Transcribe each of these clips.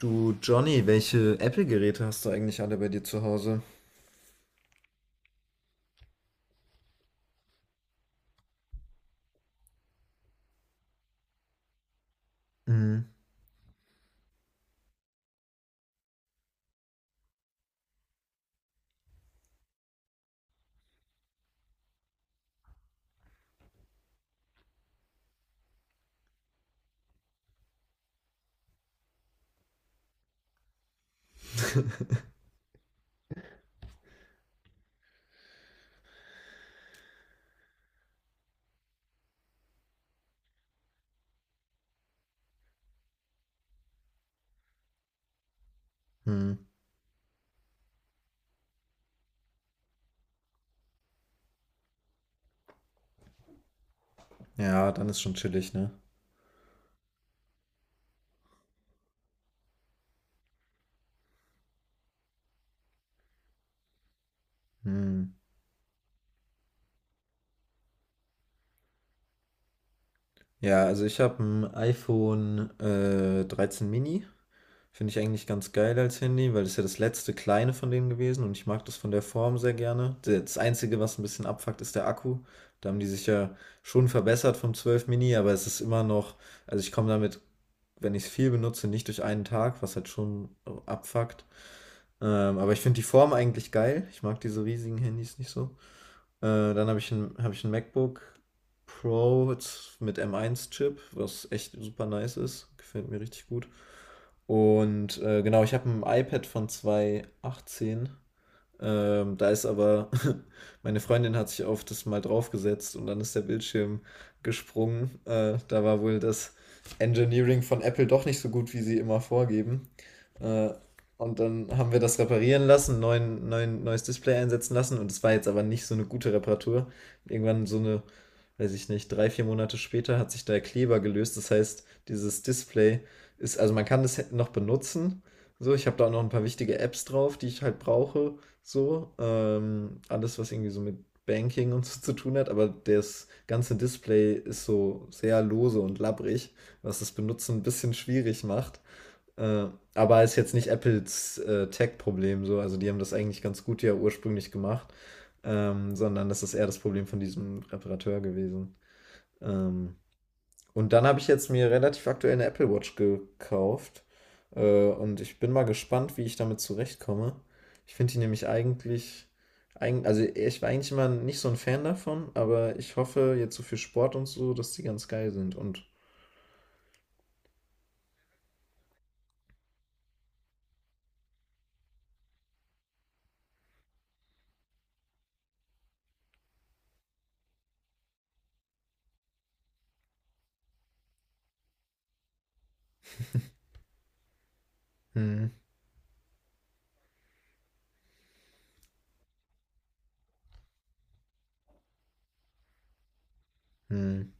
Du Johnny, welche Apple-Geräte hast du eigentlich alle bei dir zu Hause? Hm, hm. Ja, dann ist schon chillig, ne? Hm. Ja, also ich habe ein iPhone 13 Mini. Finde ich eigentlich ganz geil als Handy, weil das ist ja das letzte kleine von denen gewesen und ich mag das von der Form sehr gerne. Das Einzige, was ein bisschen abfuckt, ist der Akku. Da haben die sich ja schon verbessert vom 12 Mini, aber es ist immer noch, also ich komme damit, wenn ich es viel benutze, nicht durch einen Tag, was halt schon abfuckt. Aber ich finde die Form eigentlich geil. Ich mag diese riesigen Handys nicht so. Dann habe ich ein, hab ich ein MacBook Pro jetzt mit m eins chip, was echt super nice ist. Gefällt mir richtig gut. Und genau, ich habe ein iPad von 2018. Da ist aber, meine Freundin hat sich auf das mal draufgesetzt und dann ist der Bildschirm gesprungen. Da war wohl das Engineering von Apple doch nicht so gut, wie sie immer vorgeben. Äh, und dann haben wir das reparieren lassen, neues Display einsetzen lassen und es war jetzt aber nicht so eine gute Reparatur. Irgendwann so eine, weiß ich nicht, drei, vier Monate später hat sich der Kleber gelöst. Das heißt, dieses Display ist, also man kann das noch benutzen. So, ich habe da auch noch ein paar wichtige Apps drauf, die ich halt brauche. So, alles, was irgendwie so mit Banking und so zu tun hat, aber das ganze Display ist so sehr lose und labbrig, was das Benutzen ein bisschen schwierig macht. Äh, aber ist jetzt nicht Apples Tech-Problem so. Also die haben das eigentlich ganz gut ja ursprünglich gemacht, sondern das ist eher das Problem von diesem Reparateur gewesen. Ähm, und dann habe ich jetzt mir relativ aktuell eine Apple Watch gekauft. Und ich bin mal gespannt, wie ich damit zurechtkomme. Ich finde die nämlich eigentlich, eig also ich war eigentlich immer nicht so ein Fan davon, aber ich hoffe jetzt so für Sport und so, dass die ganz geil sind. Und hm, hm,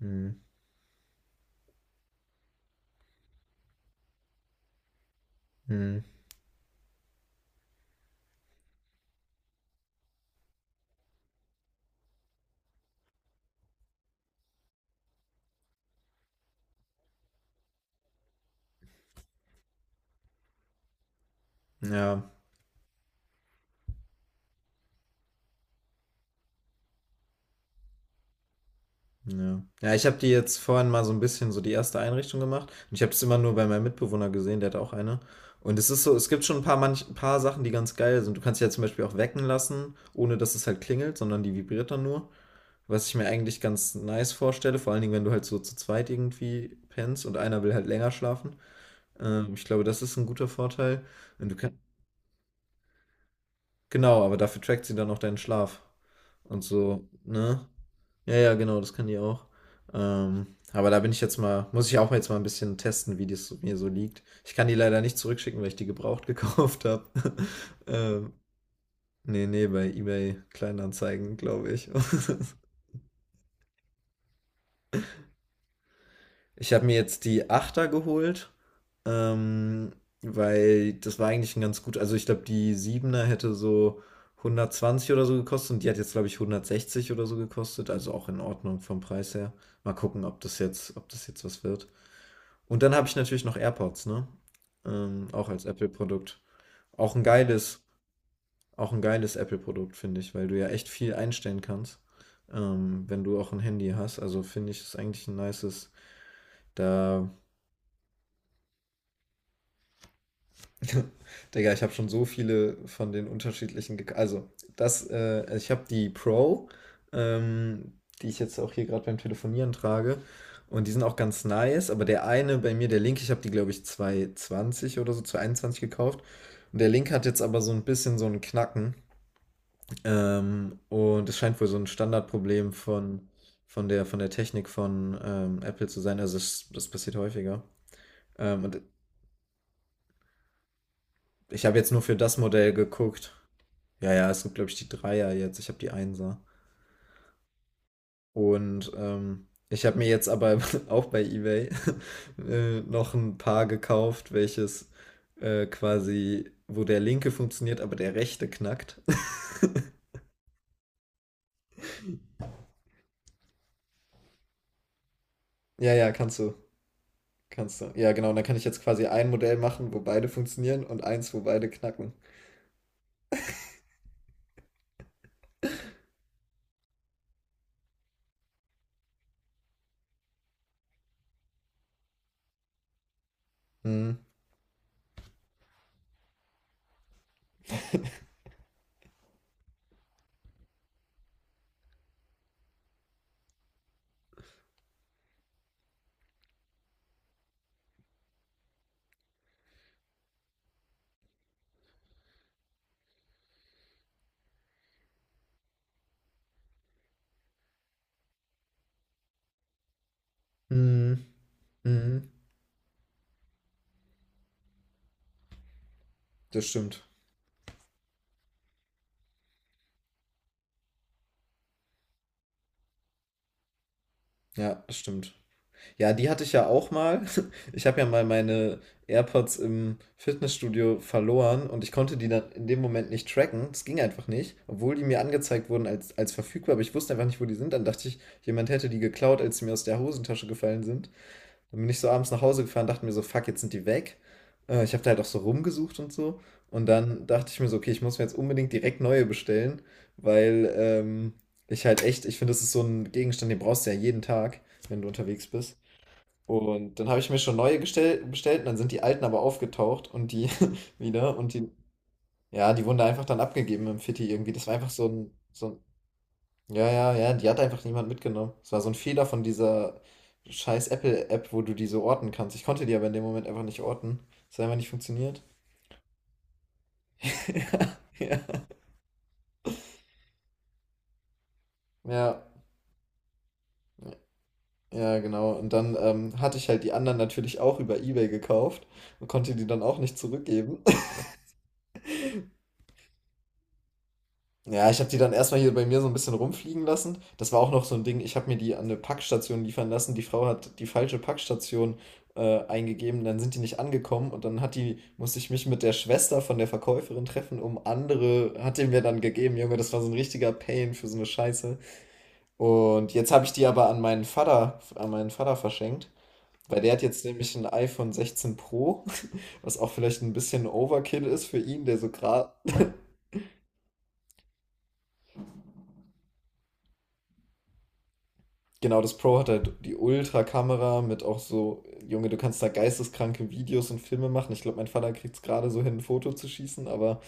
hm, hm. Ja, ja. Ja, ich habe die jetzt vorhin mal so ein bisschen so die erste Einrichtung gemacht und ich habe es immer nur bei meinem Mitbewohner gesehen, der hat auch eine. Und es ist so, es gibt schon ein paar manch ein paar Sachen, die ganz geil sind. Du kannst die ja zum Beispiel auch wecken lassen, ohne dass es halt klingelt, sondern die vibriert dann nur, was ich mir eigentlich ganz nice vorstelle, vor allen Dingen, wenn du halt so zu zweit irgendwie pennst und einer will halt länger schlafen. Ich glaube, das ist ein guter Vorteil. Und du kann genau, aber dafür trackt sie dann auch deinen Schlaf und so, ne? Ja, ja, genau, das kann die auch. Aber da bin ich jetzt mal, muss ich auch jetzt mal ein bisschen testen, wie das mir so liegt. Ich kann die leider nicht zurückschicken, weil ich die gebraucht gekauft habe. Ähm, nee, nee, bei eBay Kleinanzeigen, glaube ich. Ich habe mir jetzt die Achter geholt, ähm, weil das war eigentlich ein ganz gut, also ich glaube, die Siebener hätte so 120 oder so gekostet und die hat jetzt, glaube ich, 160 oder so gekostet, also auch in Ordnung vom Preis her. Mal gucken, ob das jetzt was wird. Und dann habe ich natürlich noch AirPods, ne? Auch als Apple-Produkt. Auch ein geiles, auch ein geiles Apple-Produkt, finde ich, weil du ja echt viel einstellen kannst, wenn du auch ein Handy hast. Also finde ich, ist eigentlich ein nices. Da Digga, ich habe schon so viele von den unterschiedlichen gek Also, ich habe die Pro, ähm, die ich jetzt auch hier gerade beim Telefonieren trage. Und die sind auch ganz nice, aber der eine bei mir, der linke, ich habe die, glaube ich, 220 oder so, 221 gekauft. Und der linke hat jetzt aber so ein bisschen so einen Knacken. Und es scheint wohl so ein Standardproblem von, von der Technik von Apple zu sein. Also, das passiert häufiger. Und ich habe jetzt nur für das Modell geguckt. Ja, ja, es sind, glaube ich, die Dreier jetzt. Ich habe die Einser. Und ich habe mir jetzt aber auch bei eBay noch ein Paar gekauft, welches quasi, wo der linke funktioniert, aber der rechte knackt. Ja, ja, kannst du. Kannst du. Ja, genau. Und dann kann ich jetzt quasi ein Modell machen, wo beide funktionieren und eins, wo beide knacken. Mhm. Mhm. Mhm. Das stimmt. Ja, das stimmt. Ja, die hatte ich ja auch mal. Ich habe ja mal meine AirPods im Fitnessstudio verloren und ich konnte die dann in dem Moment nicht tracken. Das ging einfach nicht, obwohl die mir angezeigt wurden als, als verfügbar, aber ich wusste einfach nicht, wo die sind. Dann dachte ich, jemand hätte die geklaut, als sie mir aus der Hosentasche gefallen sind. Dann bin ich so abends nach Hause gefahren, dachte mir so, fuck, jetzt sind die weg. Ich habe da halt auch so rumgesucht und so. Und dann dachte ich mir so, okay, ich muss mir jetzt unbedingt direkt neue bestellen, weil ich halt echt, ich finde, das ist so ein Gegenstand, den brauchst du ja jeden Tag, wenn du unterwegs bist. Und dann habe ich mir schon neue gestell bestellt und dann sind die alten aber aufgetaucht und die wieder und die, ja, die wurden da einfach dann abgegeben im Fitti irgendwie. Das war einfach so ein, ja, ja, ja, die hat einfach niemand mitgenommen. Das war so ein Fehler von dieser scheiß Apple-App, wo du die so orten kannst. Ich konnte die aber in dem Moment einfach nicht orten. Das hat einfach nicht funktioniert. Ja, ja, ja, genau. Und dann hatte ich halt die anderen natürlich auch über eBay gekauft und konnte die dann auch nicht zurückgeben. Ja, ich habe die dann erstmal hier bei mir so ein bisschen rumfliegen lassen. Das war auch noch so ein Ding. Ich habe mir die an eine Packstation liefern lassen. Die Frau hat die falsche Packstation eingegeben. Dann sind die nicht angekommen und dann musste ich mich mit der Schwester von der Verkäuferin treffen, um andere, hat die mir dann gegeben. Junge, das war so ein richtiger Pain für so eine Scheiße. Und jetzt habe ich die aber an meinen Vater verschenkt. Weil der hat jetzt nämlich ein iPhone 16 Pro, was auch vielleicht ein bisschen Overkill ist für ihn, der so gerade Genau, das Pro hat halt die Ultra-Kamera mit auch so, Junge, du kannst da geisteskranke Videos und Filme machen. Ich glaube, mein Vater kriegt es gerade so hin, ein Foto zu schießen, aber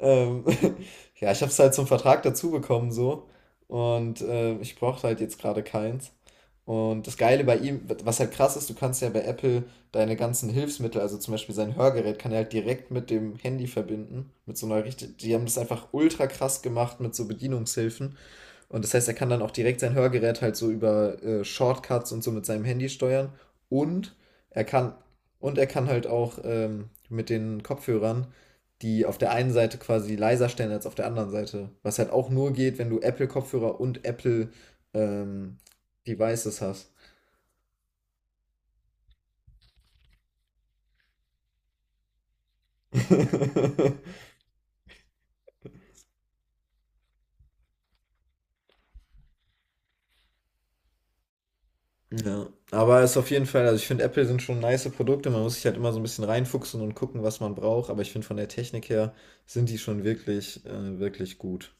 ähm, ja, ich habe es halt zum Vertrag dazu bekommen so und ich brauchte halt jetzt gerade keins. Und das Geile bei ihm, was halt krass ist, du kannst ja bei Apple deine ganzen Hilfsmittel, also zum Beispiel sein Hörgerät, kann er halt direkt mit dem Handy verbinden, mit so einer richtig, die haben das einfach ultra krass gemacht mit so Bedienungshilfen. Und das heißt, er kann dann auch direkt sein Hörgerät halt so über Shortcuts und so mit seinem Handy steuern. Und er kann, und er kann halt auch mit den Kopfhörern die auf der einen Seite quasi leiser stellen als auf der anderen Seite. Was halt auch nur geht, wenn du Apple-Kopfhörer und Apple ähm, Devices hast. Ja, aber es ist auf jeden Fall, also ich finde Apple sind schon nice Produkte, man muss sich halt immer so ein bisschen reinfuchsen und gucken, was man braucht, aber ich finde von der Technik her sind die schon wirklich, wirklich gut.